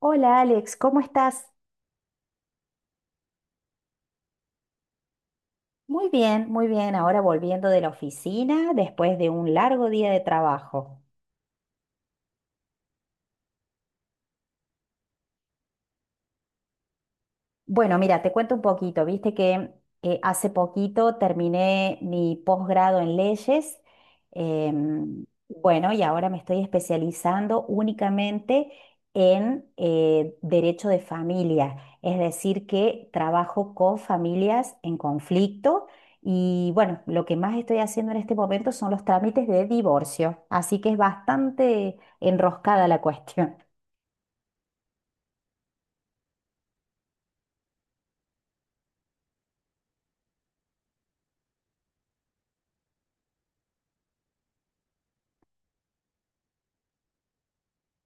Hola Alex, ¿cómo estás? Muy bien, muy bien. Ahora volviendo de la oficina después de un largo día de trabajo. Bueno, mira, te cuento un poquito. Viste que hace poquito terminé mi posgrado en leyes. em, bueno, y ahora me estoy especializando únicamente en derecho de familia. Es decir, que trabajo con familias en conflicto. Y bueno, lo que más estoy haciendo en este momento son los trámites de divorcio. Así que es bastante enroscada la cuestión.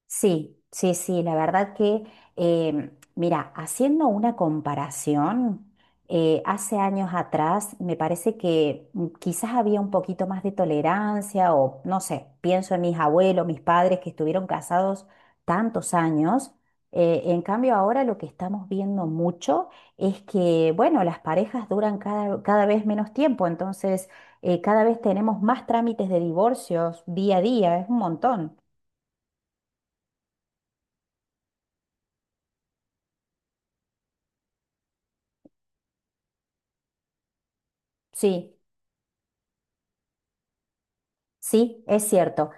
Sí, sí, sí, la verdad que, eh, mira, haciendo una comparación, hace años atrás me parece que quizás había un poquito más de tolerancia o no sé, pienso en mis abuelos, mis padres que estuvieron casados tantos años. En cambio, ahora lo que estamos viendo mucho es que, bueno, las parejas duran cada vez menos tiempo, entonces cada vez tenemos más trámites de divorcios día a día, es un montón. Sí. Sí, es cierto.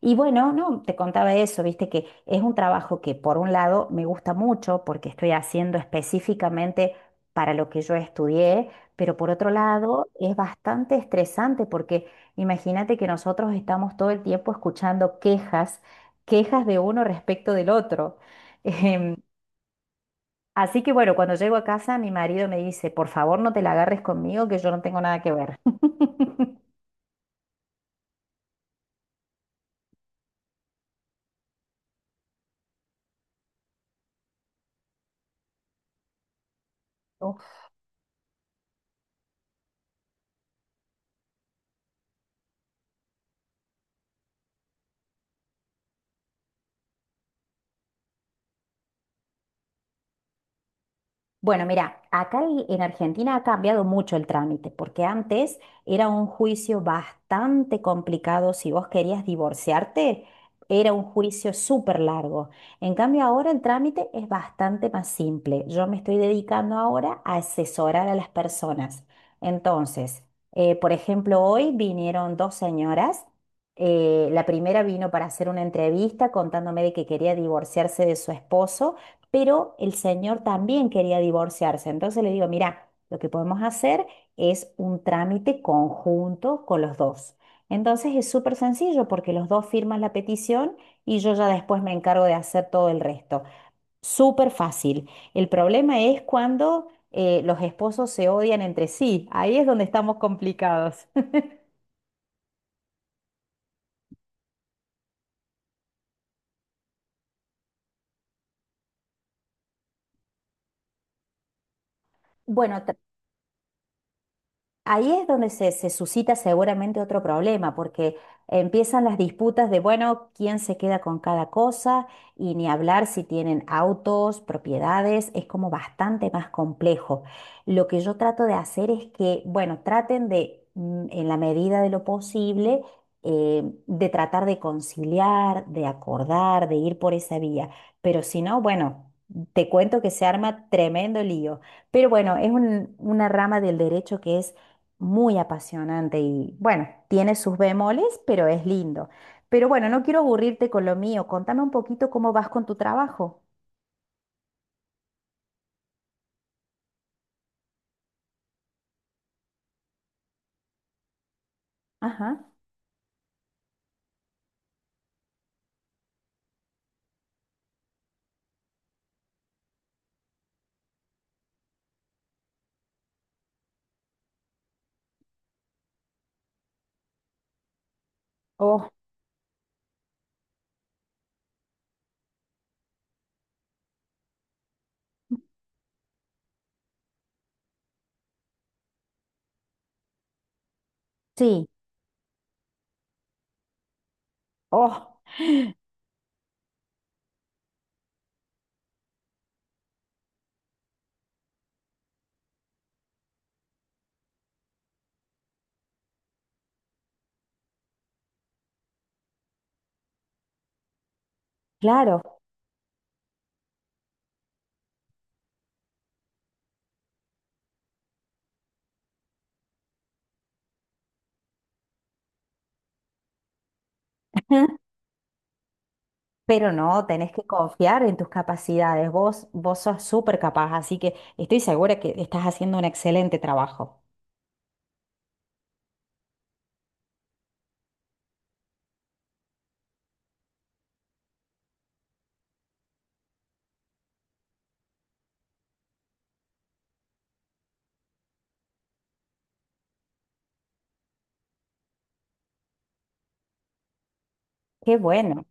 Y bueno, no, te contaba eso, viste que es un trabajo que por un lado me gusta mucho porque estoy haciendo específicamente para lo que yo estudié, pero por otro lado es bastante estresante porque imagínate que nosotros estamos todo el tiempo escuchando quejas, quejas de uno respecto del otro. Em, Así que bueno, cuando llego a casa mi marido me dice, por favor no te la agarres conmigo que yo no tengo nada que ver. Bueno, mira, en Argentina ha cambiado mucho el trámite, porque antes era un juicio bastante complicado. Si vos querías divorciarte, era un juicio súper largo. En cambio, ahora el trámite es bastante más simple. Yo me estoy dedicando ahora a asesorar a las personas. Entonces, por ejemplo, hoy vinieron dos señoras. La primera vino para hacer una entrevista contándome de que quería divorciarse de su esposo pero el señor también quería divorciarse. Entonces le digo, mira, lo que podemos hacer es un trámite conjunto con los dos. Entonces es súper sencillo porque los dos firman la petición y yo ya después me encargo de hacer todo el resto. Súper fácil. El problema es cuando los esposos se odian entre sí. Ahí es donde estamos complicados. Bueno, ahí es donde se suscita seguramente otro problema, porque empiezan las disputas de, bueno, quién se queda con cada cosa y ni hablar si tienen autos, propiedades, es como bastante más complejo. Lo que yo trato de hacer es que, bueno, traten de, en la medida de lo posible, de tratar de conciliar, de acordar, de ir por esa vía, pero si no, bueno, te cuento que se arma tremendo lío. Pero bueno, una rama del derecho que es muy apasionante y bueno, tiene sus bemoles, pero es lindo. Pero bueno, no quiero aburrirte con lo mío. Contame un poquito cómo vas con tu trabajo. Ajá. Oh, sí. Oh, claro. Pero no, tenés que confiar en tus capacidades. Vos sos súper capaz, así que estoy segura que estás haciendo un excelente trabajo. Qué bueno,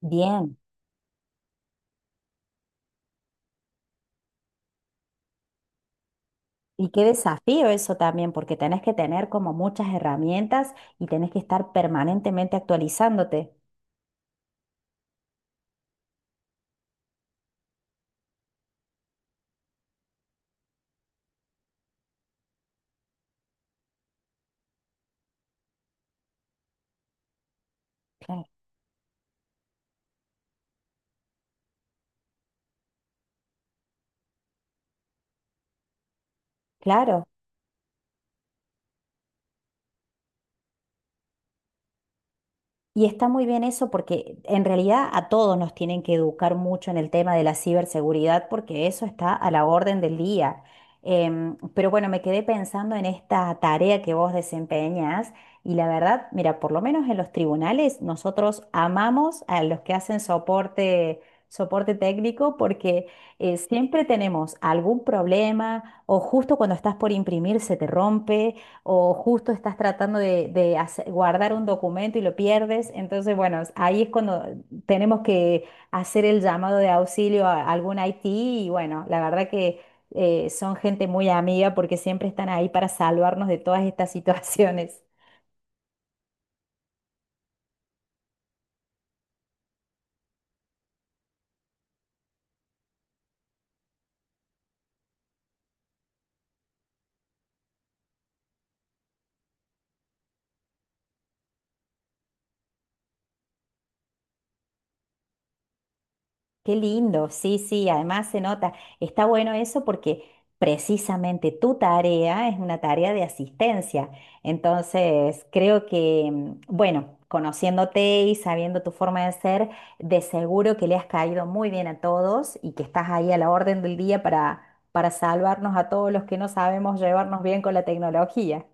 bien. Y qué desafío eso también, porque tenés que tener como muchas herramientas y tenés que estar permanentemente actualizándote. Claro. Claro. Y está muy bien eso porque en realidad a todos nos tienen que educar mucho en el tema de la ciberseguridad porque eso está a la orden del día. Pero bueno, me quedé pensando en esta tarea que vos desempeñas y la verdad, mira, por lo menos en los tribunales nosotros amamos a los que hacen soporte, soporte técnico porque siempre tenemos algún problema o justo cuando estás por imprimir se te rompe o justo estás tratando de, guardar un documento y lo pierdes. Entonces, bueno, ahí es cuando tenemos que hacer el llamado de auxilio a algún IT y bueno, la verdad que son gente muy amiga porque siempre están ahí para salvarnos de todas estas situaciones. Qué lindo, sí, sí, además se nota, está bueno eso porque precisamente tu tarea es una tarea de asistencia. Entonces, creo que, bueno, conociéndote y sabiendo tu forma de ser, de seguro que le has caído muy bien a todos y que estás ahí a la orden del día para salvarnos a todos los que no sabemos llevarnos bien con la tecnología.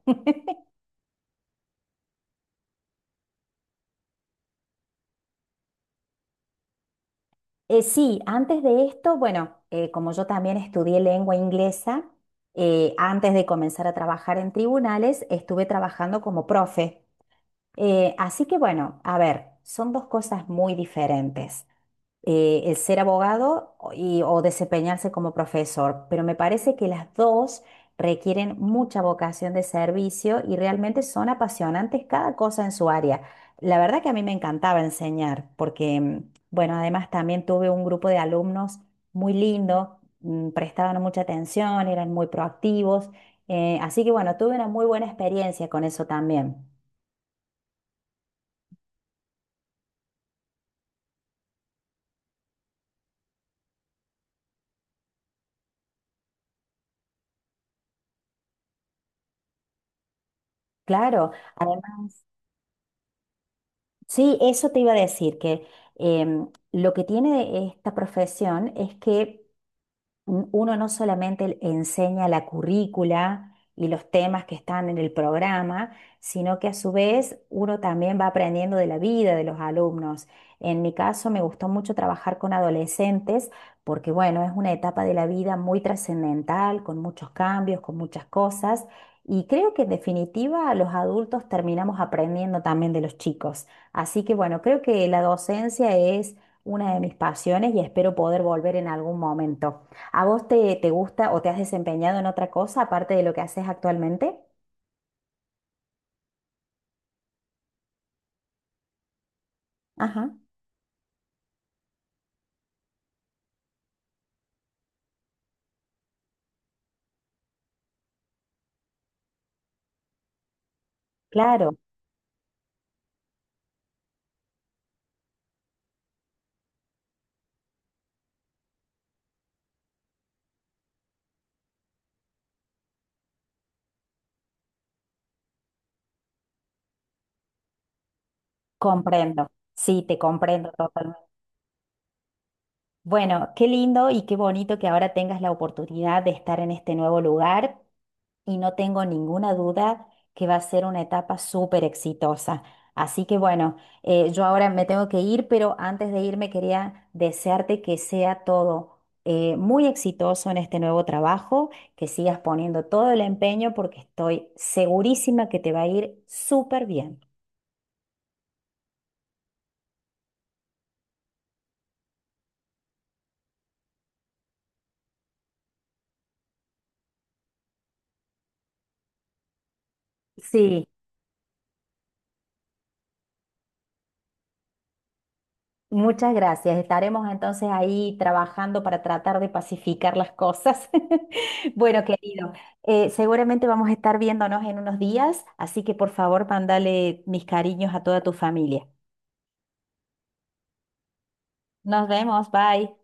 Sí, antes de esto, bueno, como yo también estudié lengua inglesa, antes de comenzar a trabajar en tribunales, estuve trabajando como profe. Así que bueno, a ver, son dos cosas muy diferentes el ser abogado y, o desempeñarse como profesor, pero me parece que las dos requieren mucha vocación de servicio y realmente son apasionantes cada cosa en su área. La verdad que a mí me encantaba enseñar porque, bueno, además también tuve un grupo de alumnos muy lindo, prestaban mucha atención, eran muy proactivos, así que bueno, tuve una muy buena experiencia con eso también. Claro. Además. Sí, eso te iba a decir, que lo que tiene esta profesión es que uno no solamente enseña la currícula y los temas que están en el programa, sino que a su vez uno también va aprendiendo de la vida de los alumnos. En mi caso me gustó mucho trabajar con adolescentes porque, bueno, es una etapa de la vida muy trascendental, con muchos cambios, con muchas cosas. Y creo que en definitiva los adultos terminamos aprendiendo también de los chicos. Así que bueno, creo que la docencia es una de mis pasiones y espero poder volver en algún momento. ¿A vos te gusta o te has desempeñado en otra cosa aparte de lo que haces actualmente? Ajá, claro, comprendo. Sí, te comprendo totalmente. Bueno, qué lindo y qué bonito que ahora tengas la oportunidad de estar en este nuevo lugar. Y no tengo ninguna duda que va a ser una etapa súper exitosa. Así que bueno, yo ahora me tengo que ir, pero antes de irme quería desearte que sea todo muy exitoso en este nuevo trabajo, que sigas poniendo todo el empeño porque estoy segurísima que te va a ir súper bien. Sí, muchas gracias. Estaremos entonces ahí trabajando para tratar de pacificar las cosas. Bueno, querido, seguramente vamos a estar viéndonos en unos días, así que por favor, mándale mis cariños a toda tu familia. Nos vemos, bye.